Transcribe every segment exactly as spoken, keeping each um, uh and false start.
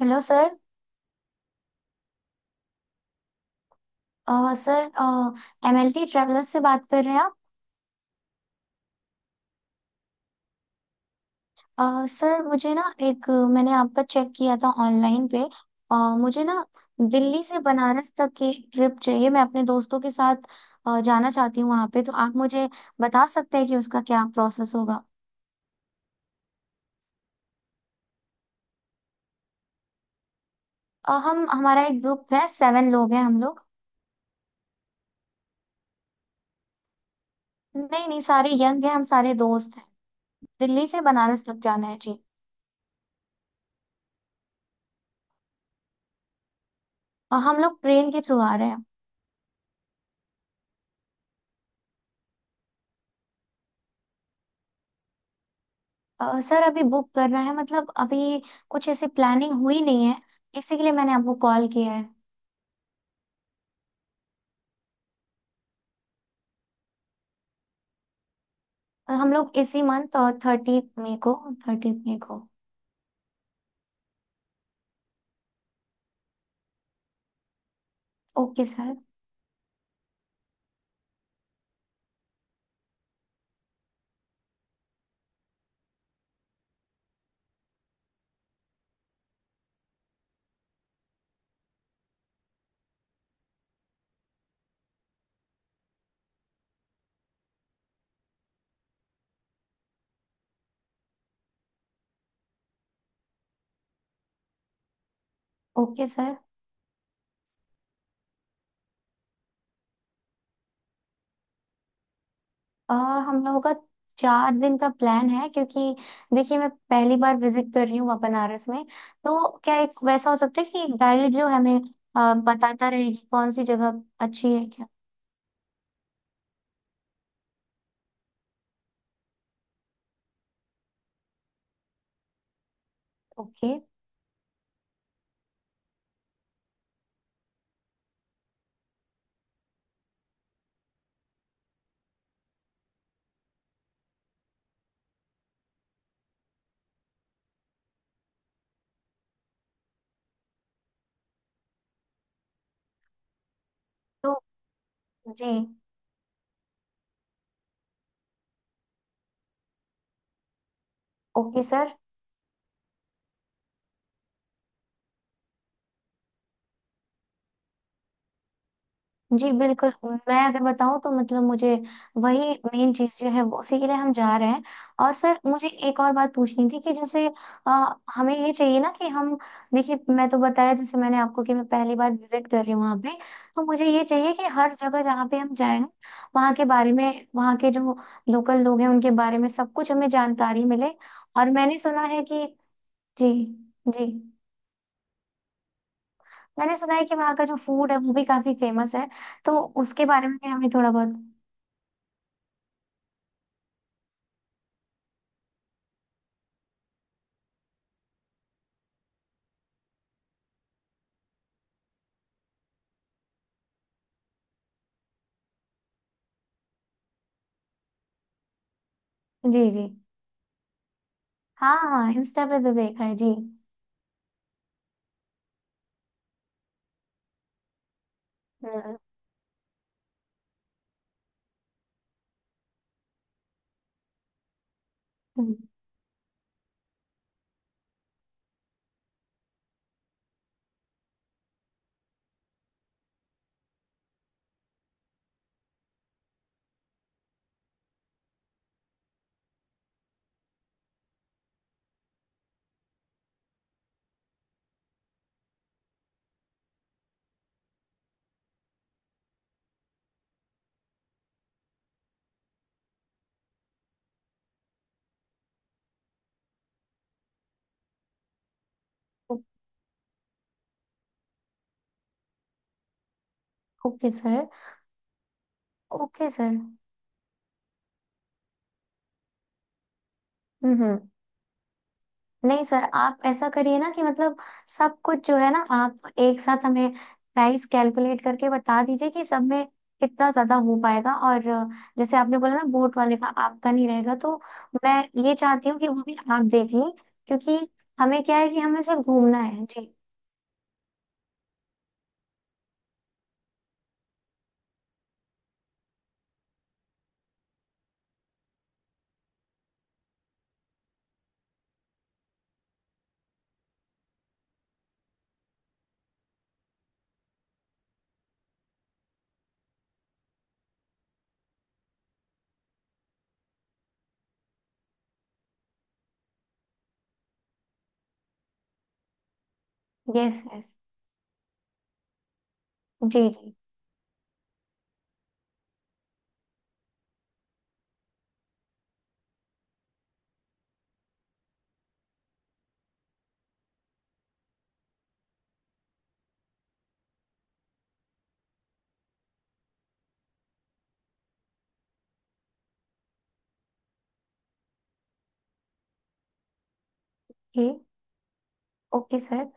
Hello sir. अ, sir, MLT travellers से बात कर रहे हैं आप? अ, सर मुझे ना एक, मैंने आपका चेक किया था ऑनलाइन पे। अ, मुझे ना दिल्ली से बनारस तक की ट्रिप चाहिए, मैं अपने दोस्तों के साथ अ, जाना चाहती हूँ वहाँ पे। तो आप मुझे बता सकते हैं कि उसका क्या प्रोसेस होगा? अ, हम हमारा एक ग्रुप है, सेवन लोग हैं हम लोग। नहीं नहीं, सारे यंग हैं, हम सारे दोस्त हैं। दिल्ली से बनारस तक जाना है जी। और हम लोग ट्रेन के थ्रू आ रहे हैं। अ, सर अभी बुक करना है, मतलब अभी कुछ ऐसी प्लानिंग हुई नहीं है, इसी के लिए मैंने आपको कॉल किया है। अ, हम लोग इसी मंथ, और थर्टी मई को, थर्टी मई को। Okay sir. Okay sir. अ, हम लोगों का चार दिन का प्लान है, क्योंकि देखिए मैं पहली बार विजिट कर रही हूँ वहाँ बनारस में। तो क्या एक वैसा हो सकता है कि एक गाइड जो हमें अ, बताता रहे कि कौन सी जगह अच्छी है, क्या? ओके। तो जी। Okay sir. जी बिल्कुल। मैं अगर बताऊं तो मतलब मुझे वही मेन चीज जो है वो उसी के लिए हम जा रहे हैं। और सर मुझे एक और बात पूछनी थी कि जैसे अ, हमें ये चाहिए ना कि हम, देखिए मैं तो बताया जैसे मैंने आपको कि मैं पहली बार विजिट कर रही हूँ वहाँ पे। तो मुझे ये चाहिए कि हर जगह जहाँ पे हम जाएं, वहाँ के बारे में, वहाँ के जो लोकल लोग हैं उनके बारे में सब कुछ हमें जानकारी मिले। और मैंने सुना है कि, जी। जी। मैंने सुना है कि वहाँ का जो फूड है वो भी काफी फेमस है, तो उसके बारे में भी हमें थोड़ा बहुत। जी जी। हाँ हाँ, इंस्टा पे तो देखा है जी। हम्म। हम्म। ओ- ओके सर। Okay sir. हम्म। हम्म। नहीं सर, आप ऐसा करिए ना कि मतलब सब कुछ जो है ना, आप एक साथ हमें प्राइस कैलकुलेट करके बता दीजिए कि सब में कितना ज्यादा हो पाएगा, और अ, जैसे आपने बोला ना बोट वाले का आपका नहीं रहेगा, तो मैं ये चाहती हूँ कि वो भी आप देख लें, क्योंकि हमें क्या है कि हमें सिर्फ घूमना है जी। Yes yes. जी जी। ठीक। Okay sir.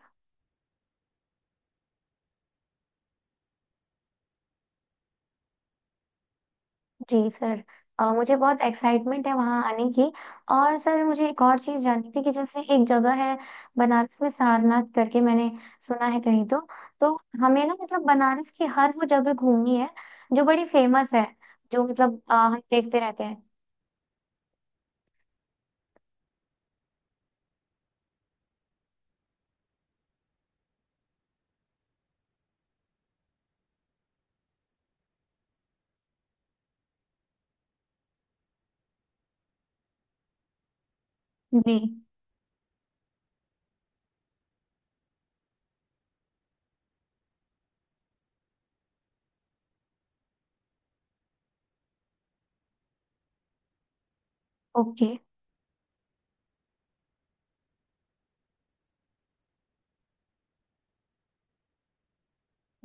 जी सर, अ, मुझे बहुत एक्साइटमेंट है वहाँ आने की। और सर मुझे एक और चीज़ जाननी थी कि जैसे एक जगह है बनारस में, सारनाथ करके, मैंने सुना है कहीं तो। तो हमें ना मतलब बनारस की हर वो जगह घूमनी है जो बड़ी फेमस है, जो मतलब अ, हम देखते रहते हैं। जी। ओके।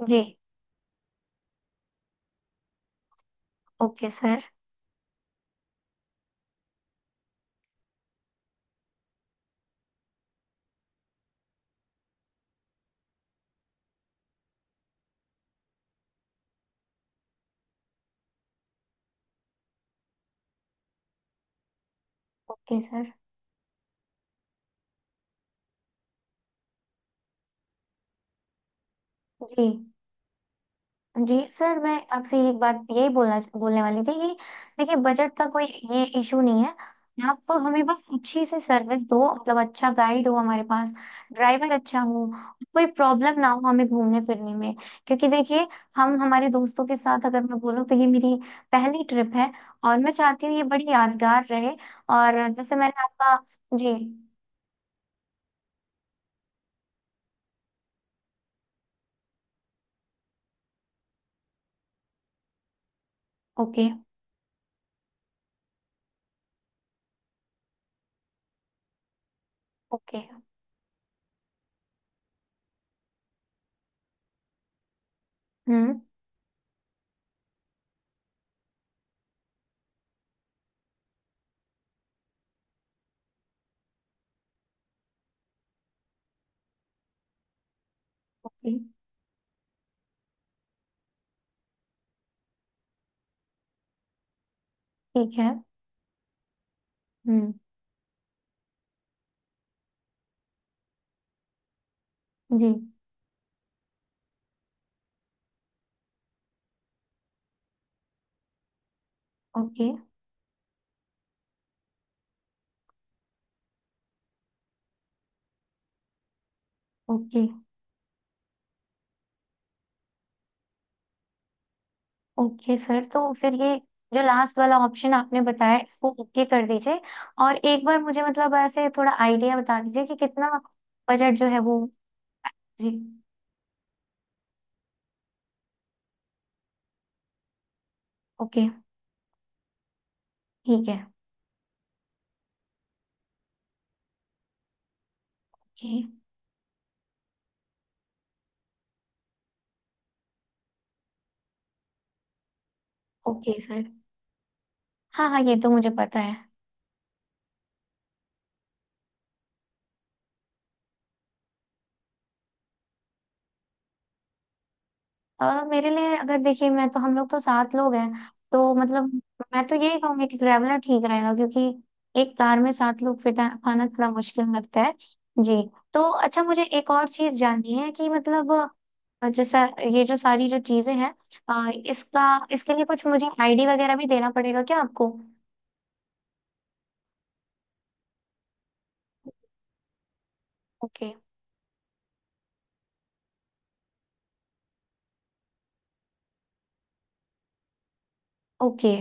जी। Okay sir. Okay sir. जी। जी सर, मैं आपसे एक बात यही बोलना बोलने वाली थी कि देखिए बजट का कोई ये इशू नहीं है, आप हमें बस अच्छी सी सर्विस दो, मतलब अच्छा गाइड हो हमारे पास, ड्राइवर अच्छा हो, कोई प्रॉब्लम ना हो हमें घूमने फिरने में, क्योंकि देखिए हम, हमारे दोस्तों के साथ अगर मैं बोलूँ तो ये मेरी पहली ट्रिप है, और मैं चाहती हूँ ये बड़ी यादगार रहे। और जैसे मैंने आपका। जी। ओके। ओके। हम्म। ओके। ठीक है। हम्म। जी। ओके। ओके। ओके सर, तो फिर ये जो लास्ट वाला ऑप्शन आपने बताया इसको ओके कर दीजिए, और एक बार मुझे मतलब ऐसे थोड़ा आइडिया बता दीजिए कि कितना बजट जो है वो। जी। ओके। ठीक है। ओके। Okay sir. हाँ हाँ, ये तो मुझे पता है। अ, मेरे लिए अगर देखिए, मैं तो, हम लोग तो सात लोग हैं, तो मतलब मैं तो यही कहूंगी कि ट्रैवलर ठीक रहेगा, क्योंकि एक कार में सात लोग फिट पाना थोड़ा मुश्किल लगता है। जी। तो अच्छा मुझे एक और चीज जाननी है कि मतलब अ, जैसा ये जो सारी जो चीजें हैं अ, इसका, इसके लिए कुछ मुझे आईडी वगैरह भी देना पड़ेगा क्या आपको? ओके। ओके।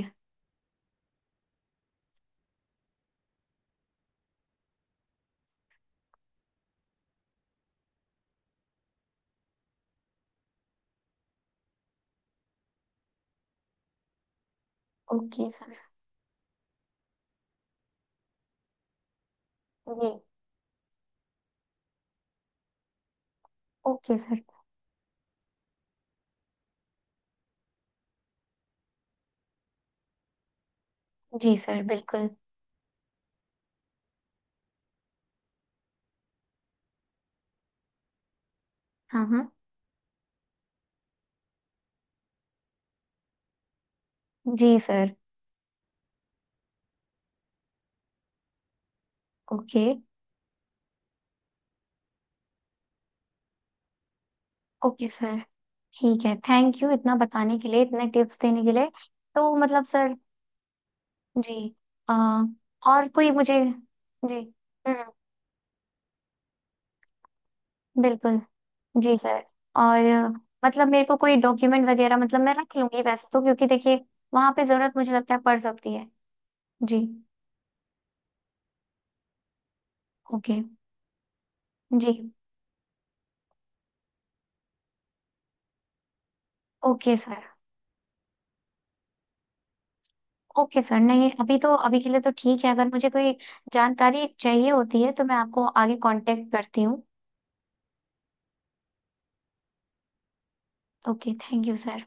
Okay sir. जी। Okay sir. जी सर बिल्कुल। हाँ हाँ। जी सर। ओके। ओके सर, ठीक है, थैंक यू इतना बताने के लिए, इतने टिप्स देने के लिए। तो मतलब सर जी आ, और कोई मुझे, जी। हम्म। बिल्कुल। जी सर। और मतलब मेरे को कोई डॉक्यूमेंट वगैरह, मतलब मैं रख लूंगी वैसे तो, क्योंकि देखिए वहां पे जरूरत मुझे लगता है पड़ सकती है। जी। ओके। जी। Okay sir. ओके सर, नहीं, अभी तो अभी के लिए तो ठीक है, अगर मुझे कोई जानकारी चाहिए होती है तो मैं आपको आगे कांटेक्ट करती हूँ। Okay, thank you sir.